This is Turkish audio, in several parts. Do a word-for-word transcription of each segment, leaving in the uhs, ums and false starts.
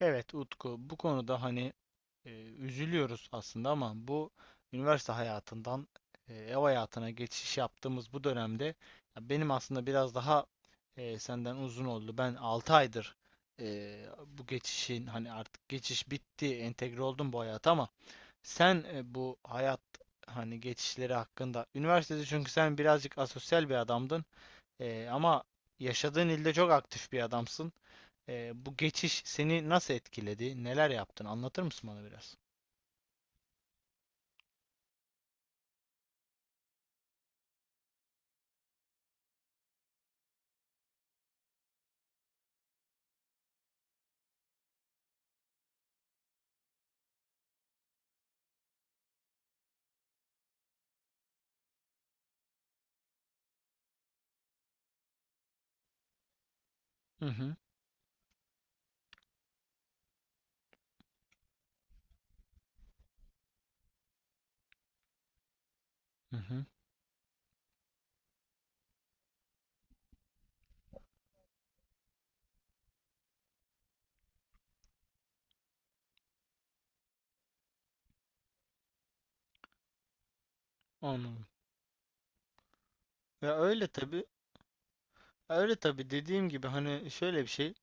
Evet Utku, bu konuda hani e, üzülüyoruz aslında ama bu üniversite hayatından e, ev hayatına geçiş yaptığımız bu dönemde ya benim aslında biraz daha e, senden uzun oldu. Ben altı aydır e, bu geçişin hani artık geçiş bitti, entegre oldum bu hayata ama sen e, bu hayat hani geçişleri hakkında üniversitede, çünkü sen birazcık asosyal bir adamdın e, ama yaşadığın ilde çok aktif bir adamsın. Ee, bu geçiş seni nasıl etkiledi? Neler yaptın? Anlatır mısın bana biraz? Hı hı, hı hı. Anladım. Ya öyle tabii. Öyle tabii, dediğim gibi hani şöyle bir şey.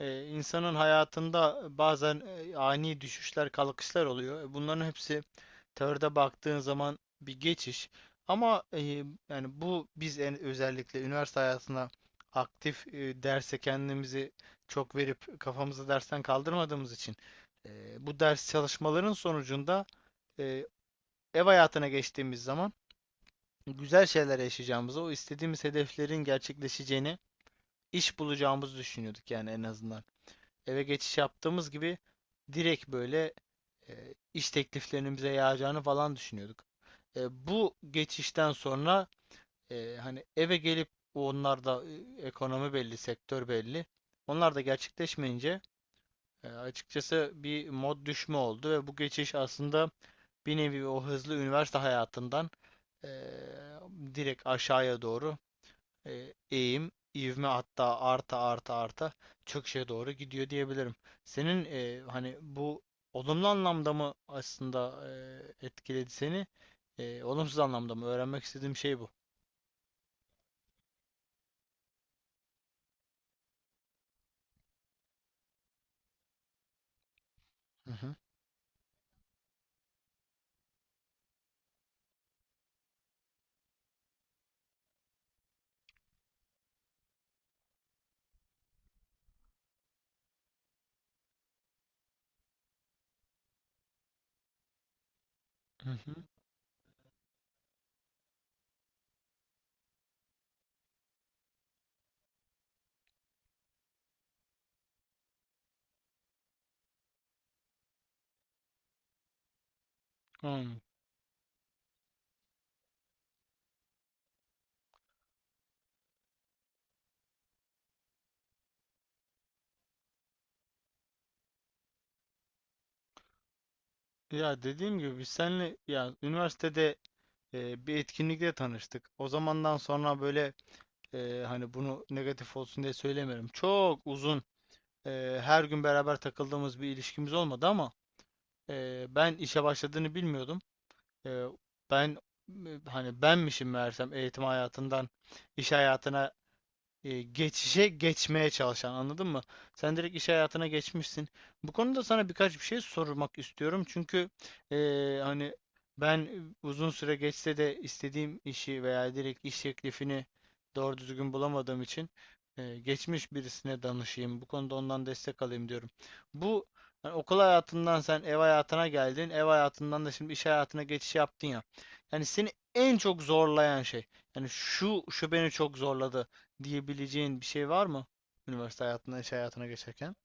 e, insanın hayatında bazen e, ani düşüşler, kalkışlar oluyor. E, Bunların hepsi teoride baktığın zaman bir geçiş. Ama e, yani bu biz en, özellikle üniversite hayatına aktif e, derse kendimizi çok verip kafamızı dersten kaldırmadığımız için e, bu ders çalışmaların sonucunda e, ev hayatına geçtiğimiz zaman güzel şeyler yaşayacağımızı, o istediğimiz hedeflerin gerçekleşeceğini, iş bulacağımızı düşünüyorduk yani en azından. Eve geçiş yaptığımız gibi direkt böyle e, iş tekliflerinin bize yağacağını falan düşünüyorduk. E, bu geçişten sonra e, hani eve gelip onlar da e, ekonomi belli, sektör belli. Onlar da gerçekleşmeyince e, açıkçası bir mod düşme oldu ve bu geçiş aslında bir nevi o hızlı üniversite hayatından eee, direkt aşağıya doğru eee, eğim, ivme, hatta arta arta arta çöküşe doğru gidiyor diyebilirim. Senin eee, hani bu olumlu anlamda mı aslında eee, etkiledi seni? Eee, olumsuz anlamda mı? Öğrenmek istediğim şey bu. Hı hı. Hı hı. Anladım. Ya dediğim gibi biz seninle ya üniversitede e, bir etkinlikte tanıştık. O zamandan sonra böyle e, hani bunu negatif olsun diye söylemiyorum. Çok uzun Eee, her gün beraber takıldığımız bir ilişkimiz olmadı ama eee, ben işe başladığını bilmiyordum. Eee, Ben m- hani benmişim meğersem eğitim hayatından iş hayatına e, geçişe geçmeye çalışan, anladın mı? Sen direkt iş hayatına geçmişsin. Bu konuda sana birkaç bir şey sormak istiyorum. Çünkü e, hani ben uzun süre geçse de istediğim işi veya direkt iş teklifini doğru düzgün bulamadığım için e, geçmiş birisine danışayım. Bu konuda ondan destek alayım diyorum. Bu hani okul hayatından sen ev hayatına geldin. Ev hayatından da şimdi iş hayatına geçiş yaptın ya. Yani seni en çok zorlayan şey. Yani şu şu beni çok zorladı diyebileceğin bir şey var mı? Üniversite hayatına, iş hayatına geçerken.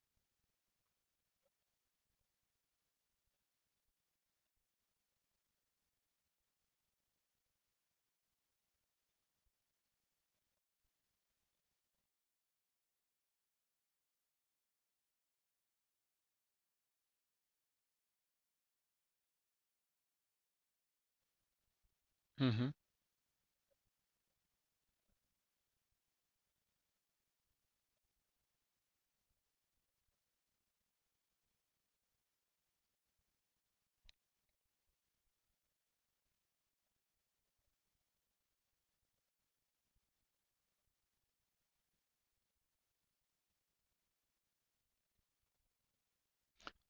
Hı hı.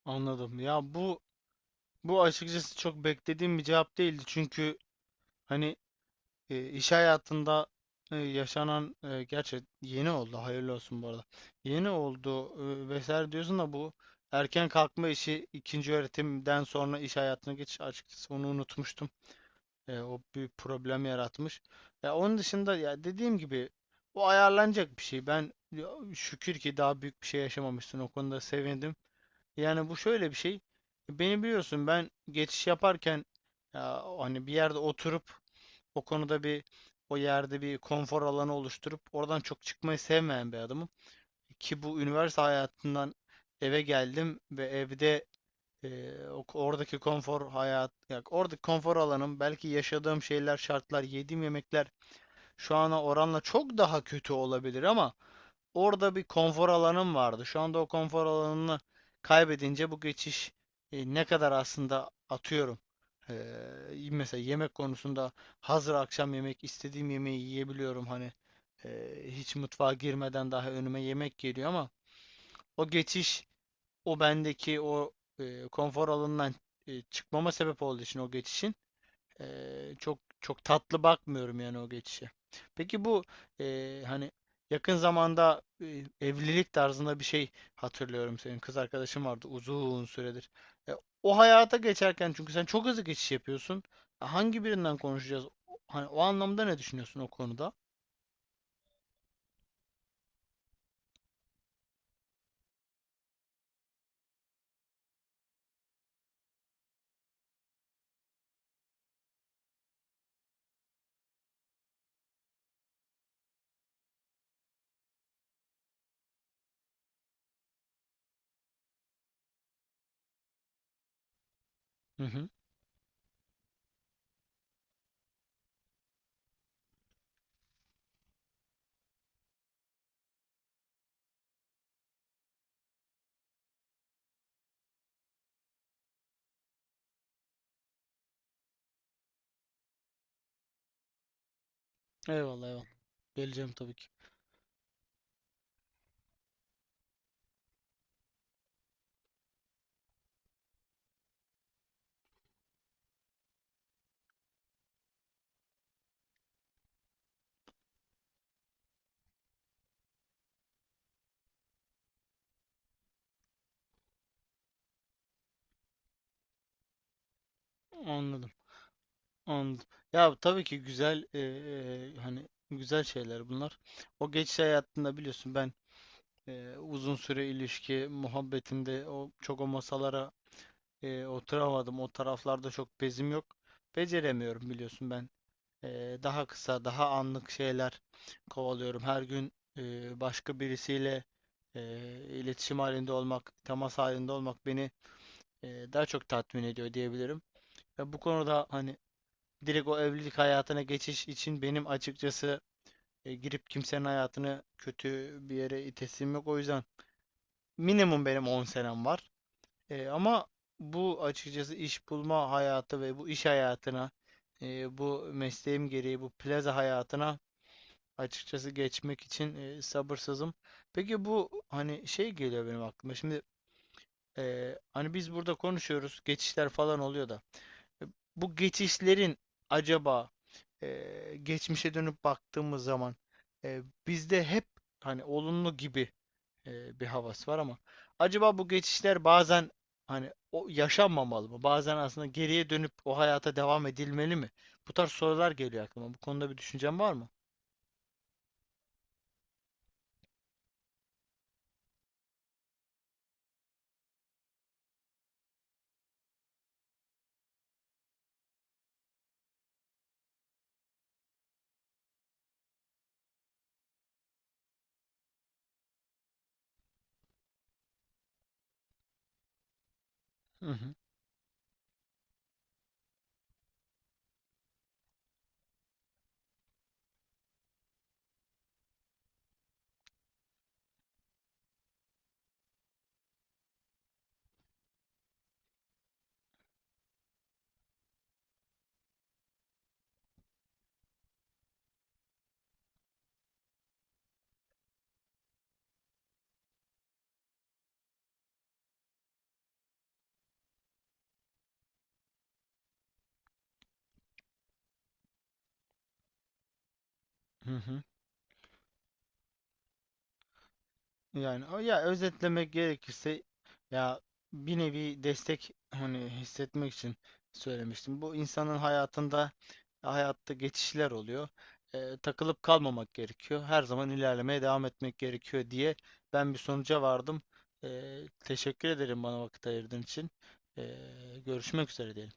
Anladım. Ya bu bu açıkçası çok beklediğim bir cevap değildi. Çünkü hani e, iş hayatında e, yaşanan e, gerçi yeni oldu. Hayırlı olsun bu arada. Yeni oldu e, vesaire diyorsun da bu erken kalkma işi, ikinci öğretimden sonra iş hayatına geçiş, açıkçası onu unutmuştum. E, o bir problem yaratmış. Ya onun dışında ya dediğim gibi o ayarlanacak bir şey. Ben ya, şükür ki daha büyük bir şey yaşamamışsın. O konuda sevindim. Yani bu şöyle bir şey. Beni biliyorsun, ben geçiş yaparken ya, hani bir yerde oturup o konuda bir o yerde bir konfor alanı oluşturup oradan çok çıkmayı sevmeyen bir adamım. Ki bu üniversite hayatından eve geldim ve evde ee, o- oradaki konfor hayat, ya oradaki konfor alanım, belki yaşadığım şeyler, şartlar, yediğim yemekler şu ana oranla çok daha kötü olabilir ama orada bir konfor alanım vardı. Şu anda o konfor alanını kaybedince bu geçiş e, ne kadar aslında atıyorum. Ee, mesela yemek konusunda hazır akşam yemek istediğim yemeği yiyebiliyorum, hani e, hiç mutfağa girmeden daha önüme yemek geliyor ama o geçiş, o bendeki o e, konfor alanından e, çıkmama sebep olduğu için o geçişin, e, çok çok tatlı bakmıyorum yani o geçişe. Peki bu e, hani yakın zamanda e, evlilik tarzında bir şey hatırlıyorum, senin kız arkadaşın vardı uzun süredir. E, O hayata geçerken, çünkü sen çok hızlı geçiş yapıyorsun. E, Hangi birinden konuşacağız? O- Hani o anlamda ne düşünüyorsun o konuda? Hı hı. Eyvallah, eyvallah. Geleceğim tabii ki. Anladım. Anladım. Ya tabii ki güzel, eee, hani güzel şeyler bunlar. O geçiş hayatında biliyorsun ben eee, uzun süre ilişki muhabbetinde o çok o masalara eee, oturamadım. O taraflarda çok bezim yok. Beceremiyorum, biliyorsun ben. Eee, daha kısa, daha anlık şeyler kovalıyorum. Her gün eee, başka birisiyle eee, iletişim halinde olmak, temas halinde olmak beni eee, daha çok tatmin ediyor diyebilirim. Ve bu konuda hani direkt o evlilik hayatına geçiş için benim açıkçası e, girip kimsenin hayatını kötü bir yere itesim yok. O yüzden minimum benim on senem var. E, ama bu açıkçası iş bulma hayatı ve bu iş hayatına, e, bu mesleğim gereği bu plaza hayatına açıkçası geçmek için e, sabırsızım. Peki bu hani şey geliyor benim aklıma. Şimdi ee, hani biz burada konuşuyoruz, geçişler falan oluyor da. E, Bu geçişlerin acaba e, geçmişe dönüp baktığımız zaman e, bizde hep hani olumlu gibi e, bir havas var ama acaba bu geçişler bazen hani o yaşanmamalı mı? Bazen aslında geriye dönüp o hayata devam edilmeli mi? Bu tarz sorular geliyor aklıma. Bu konuda bir düşüncen var mı? Hı hı. Hı hı. Yani o- ya özetlemek gerekirse ya bir nevi destek hani hissetmek için söylemiştim. Bu insanın hayatında, hayatta geçişler oluyor. Eee, takılıp kalmamak gerekiyor. Her zaman ilerlemeye devam etmek gerekiyor diye ben bir sonuca vardım. Eee, teşekkür ederim bana vakit ayırdığın için. Eee, görüşmek üzere diyelim.